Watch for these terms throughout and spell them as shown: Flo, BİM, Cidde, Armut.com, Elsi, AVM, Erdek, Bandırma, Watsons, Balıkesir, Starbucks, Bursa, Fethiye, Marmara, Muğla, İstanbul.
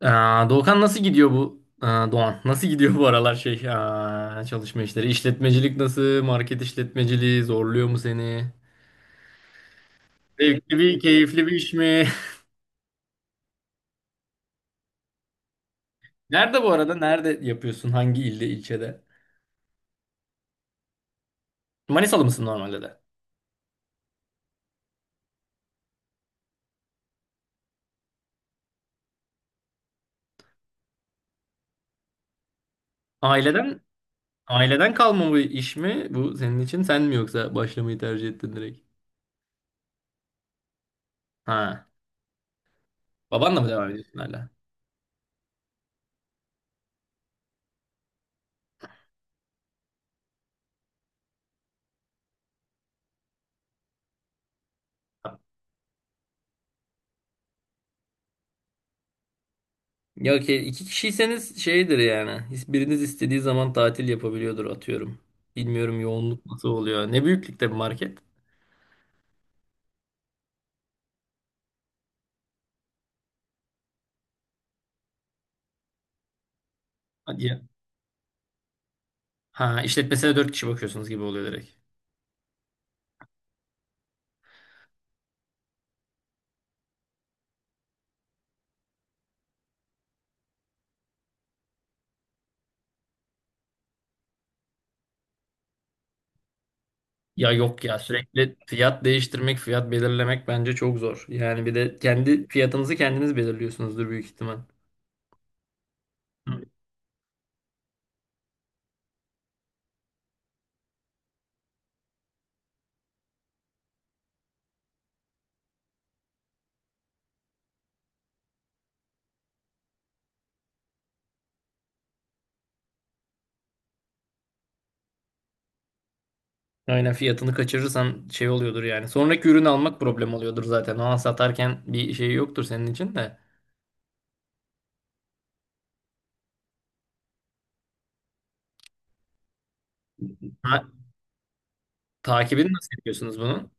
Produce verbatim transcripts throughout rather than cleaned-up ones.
Aa, Doğukan nasıl gidiyor bu? Aa, Doğan nasıl gidiyor bu aralar şey aa, çalışma işleri? İşletmecilik nasıl? Market işletmeciliği zorluyor mu seni? Zevkli bir, keyifli bir iş mi? Nerede bu arada? Nerede yapıyorsun? Hangi ilde, ilçede? Manisalı mısın normalde de? Aileden, aileden kalma bu iş mi? Bu senin için sen mi yoksa başlamayı tercih ettin direkt? Ha. Babanla mı devam ediyorsun hala? Ya ki iki kişiyseniz şeydir yani. Biriniz istediği zaman tatil yapabiliyordur atıyorum. Bilmiyorum yoğunluk nasıl oluyor. Ne büyüklükte bir market? Hadi ya. Ha, işletmesine dört kişi bakıyorsunuz gibi oluyor direkt. Ya yok ya sürekli fiyat değiştirmek, fiyat belirlemek bence çok zor. Yani bir de kendi fiyatınızı kendiniz belirliyorsunuzdur büyük ihtimal. Hı. Aynen fiyatını kaçırırsan şey oluyordur yani. Sonraki ürünü almak problem oluyordur zaten. Ona satarken bir şey yoktur senin için de. Ha, takibini nasıl yapıyorsunuz bunun?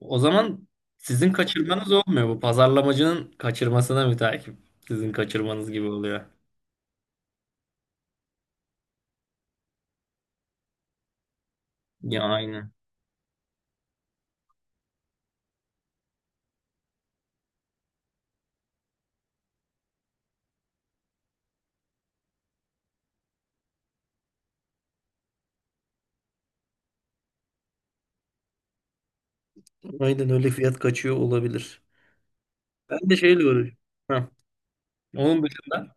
O zaman sizin kaçırmanız olmuyor. Bu pazarlamacının kaçırmasına müteakip. Sizin kaçırmanız gibi oluyor. Ya aynen. Aynen öyle fiyat kaçıyor olabilir. Ben de şeyle uğraşıyorum. Heh. Onun dışında.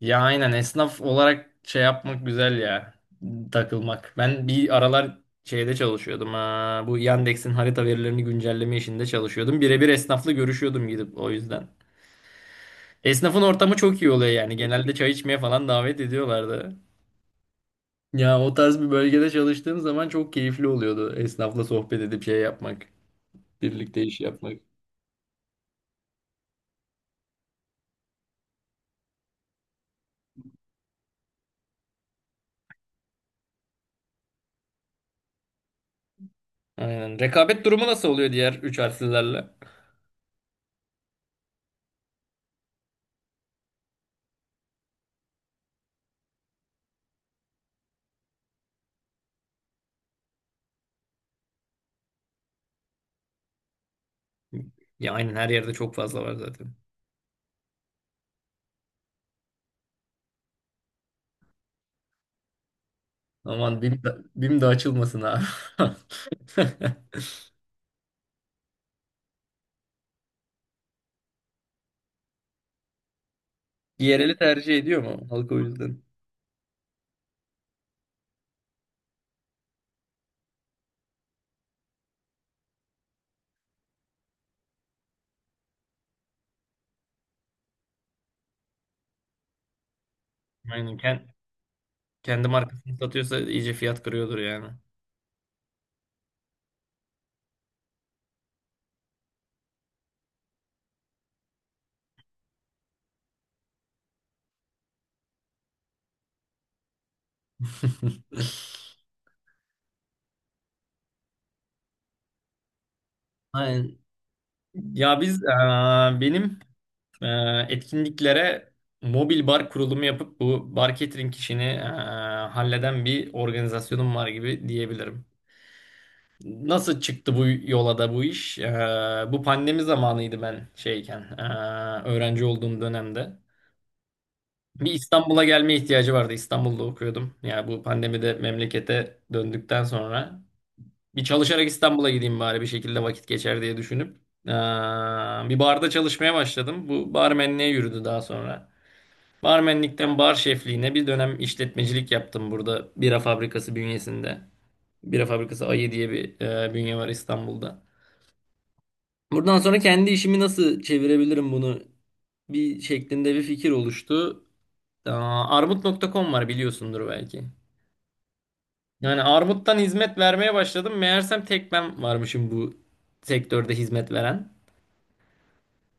Ya aynen esnaf olarak şey yapmak güzel ya. Takılmak. Ben bir aralar şeyde çalışıyordum. Ha. Bu Yandex'in harita verilerini güncelleme işinde çalışıyordum. Birebir esnafla görüşüyordum gidip o yüzden. Esnafın ortamı çok iyi oluyor yani. Genelde çay içmeye falan davet ediyorlardı. Ya o tarz bir bölgede çalıştığım zaman çok keyifli oluyordu esnafla sohbet edip şey yapmak. Birlikte iş yapmak. Aynen. Rekabet durumu nasıl oluyor diğer üç harflilerle? Ya aynen her yerde çok fazla var zaten. Aman BİM de, BİM de açılmasın ha. Yereli tercih ediyor mu halk o yüzden? Aynen. Ken- kendi markasını satıyorsa iyice fiyat kırıyordur yani. Aynen. Ya biz, aa, benim e, etkinliklere mobil bar kurulumu yapıp bu bar catering işini e, halleden bir organizasyonum var gibi diyebilirim. Nasıl çıktı bu yola da bu iş? E, bu pandemi zamanıydı ben şeyken, e, öğrenci olduğum dönemde. Bir İstanbul'a gelme ihtiyacı vardı. İstanbul'da okuyordum. Yani bu pandemide memlekete döndükten sonra bir çalışarak İstanbul'a gideyim bari bir şekilde vakit geçer diye düşünüp e, bir barda çalışmaya başladım. Bu barmenliğe yürüdü daha sonra. Barmenlikten bar şefliğine bir dönem işletmecilik yaptım burada bira fabrikası bünyesinde. Bira fabrikası Ayı diye bir e, bünye var İstanbul'da. Buradan sonra kendi işimi nasıl çevirebilirim bunu bir şeklinde bir fikir oluştu. Aa, armut nokta kom var biliyorsundur belki. Yani armuttan hizmet vermeye başladım. Meğersem tek ben varmışım bu sektörde hizmet veren.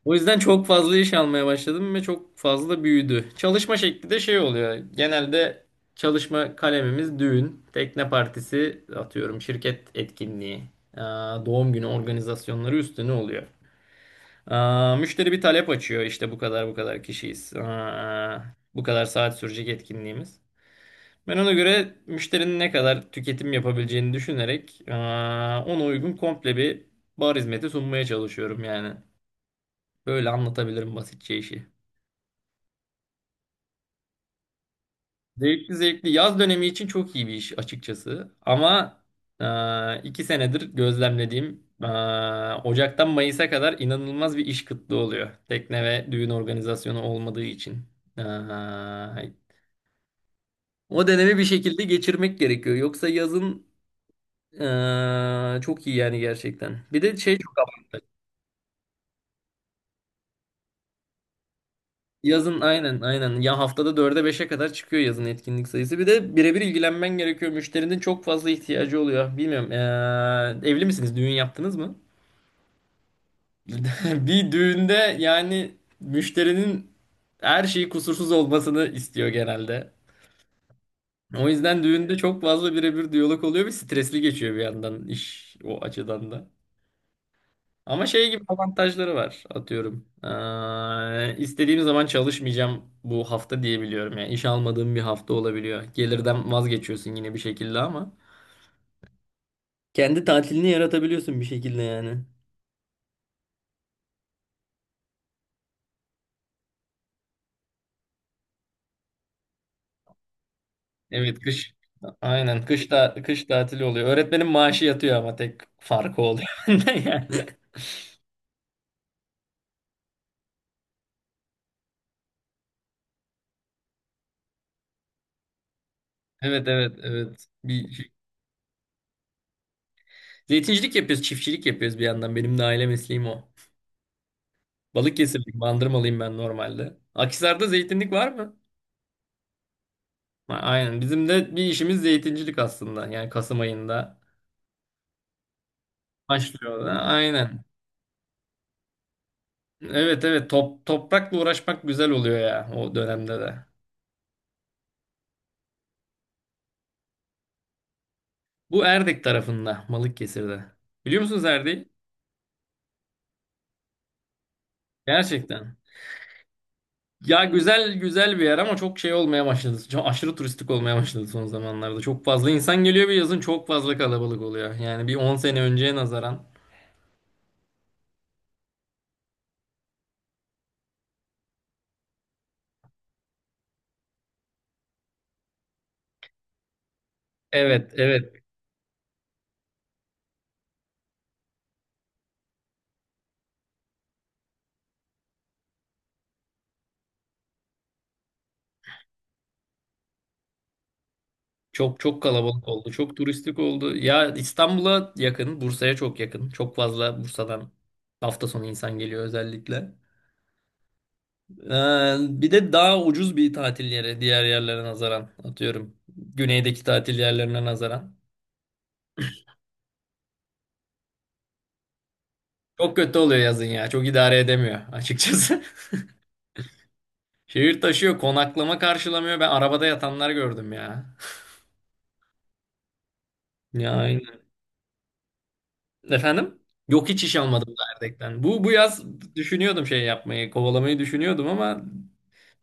O yüzden çok fazla iş almaya başladım ve çok fazla büyüdü. Çalışma şekli de şey oluyor. Genelde çalışma kalemimiz düğün, tekne partisi atıyorum, şirket etkinliği, aa, doğum günü organizasyonları üstüne oluyor. Aa, Müşteri bir talep açıyor işte bu kadar bu kadar kişiyiz. Aa, Bu kadar saat sürecek etkinliğimiz. Ben ona göre müşterinin ne kadar tüketim yapabileceğini düşünerek aa, ona uygun komple bir bar hizmeti sunmaya çalışıyorum yani. Böyle anlatabilirim basitçe işi. Zevkli zevkli. Yaz dönemi için çok iyi bir iş açıkçası. Ama e, iki senedir gözlemlediğim e, Ocak'tan Mayıs'a kadar inanılmaz bir iş kıtlığı oluyor. Tekne ve düğün organizasyonu olmadığı için. E, O dönemi bir şekilde geçirmek gerekiyor. Yoksa yazın e, çok iyi yani gerçekten. Bir de şey. Yazın aynen aynen ya haftada dörde beşe kadar çıkıyor yazın etkinlik sayısı. Bir de birebir ilgilenmen gerekiyor. Müşterinin çok fazla ihtiyacı oluyor. Bilmiyorum eee, evli misiniz? Düğün yaptınız mı? Bir düğünde yani müşterinin her şeyi kusursuz olmasını istiyor genelde. O yüzden düğünde çok fazla birebir diyalog oluyor ve stresli geçiyor bir yandan iş o açıdan da. Ama şey gibi avantajları var atıyorum. Ee, istediğim zaman çalışmayacağım bu hafta diyebiliyorum. Yani iş almadığım bir hafta olabiliyor. Gelirden vazgeçiyorsun yine bir şekilde ama. Kendi tatilini yaratabiliyorsun bir şekilde yani. Evet, kış. Aynen, kış da kış tatili oluyor. Öğretmenin maaşı yatıyor ama tek farkı oluyor. bende yani. Evet, evet, evet. Bir şey, zeytincilik yapıyoruz, çiftçilik yapıyoruz bir yandan. Benim de aile mesleğim o. Balıkesirliyim, Bandırmalıyım ben normalde. Akhisar'da zeytinlik var mı? A- aynen. Bizim de bir işimiz zeytincilik aslında. Yani Kasım ayında başlıyor da. Aynen. Evet, evet, top, toprakla uğraşmak güzel oluyor ya o dönemde de. Bu Erdek tarafında Balıkesir'de. Biliyor musunuz Erdek'i? Gerçekten. Ya güzel güzel bir yer ama çok şey olmaya başladı. Çok aşırı turistik olmaya başladı son zamanlarda. Çok fazla insan geliyor bir yazın çok fazla kalabalık oluyor. Yani bir on sene önceye nazaran. Evet, evet, çok çok kalabalık oldu. Çok turistik oldu. Ya İstanbul'a yakın, Bursa'ya çok yakın. Çok fazla Bursa'dan hafta sonu insan geliyor özellikle. Ee, bir de daha ucuz bir tatil yeri diğer yerlere nazaran atıyorum. Güneydeki tatil yerlerine nazaran. Çok kötü oluyor yazın ya. Çok idare edemiyor açıkçası. Şehir taşıyor, konaklama karşılamıyor. Ben arabada yatanlar gördüm ya. Ya, efendim? Yok, hiç iş almadım da Erdek'ten. Bu, bu yaz düşünüyordum şey yapmayı, kovalamayı düşünüyordum ama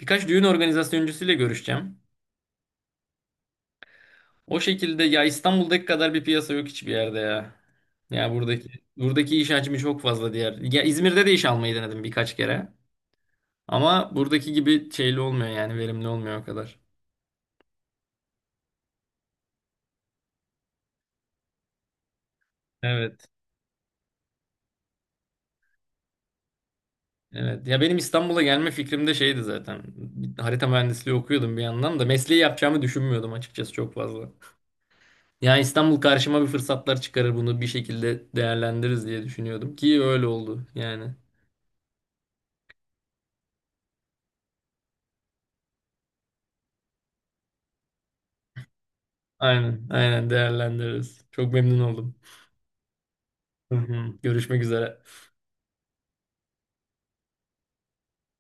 birkaç düğün organizasyoncusuyla görüşeceğim. O şekilde ya İstanbul'daki kadar bir piyasa yok hiçbir yerde ya. Ya buradaki buradaki iş hacmi çok fazla diğer. Ya İzmir'de de iş almayı denedim birkaç kere. Ama buradaki gibi şeyli olmuyor yani verimli olmuyor o kadar. Evet. Evet. Ya benim İstanbul'a gelme fikrim de şeydi zaten. Harita mühendisliği okuyordum bir yandan da mesleği yapacağımı düşünmüyordum açıkçası çok fazla. Yani İstanbul karşıma bir fırsatlar çıkarır bunu bir şekilde değerlendiririz diye düşünüyordum ki öyle oldu yani. Aynen, aynen değerlendiririz. Çok memnun oldum. Hı hı. Görüşmek üzere.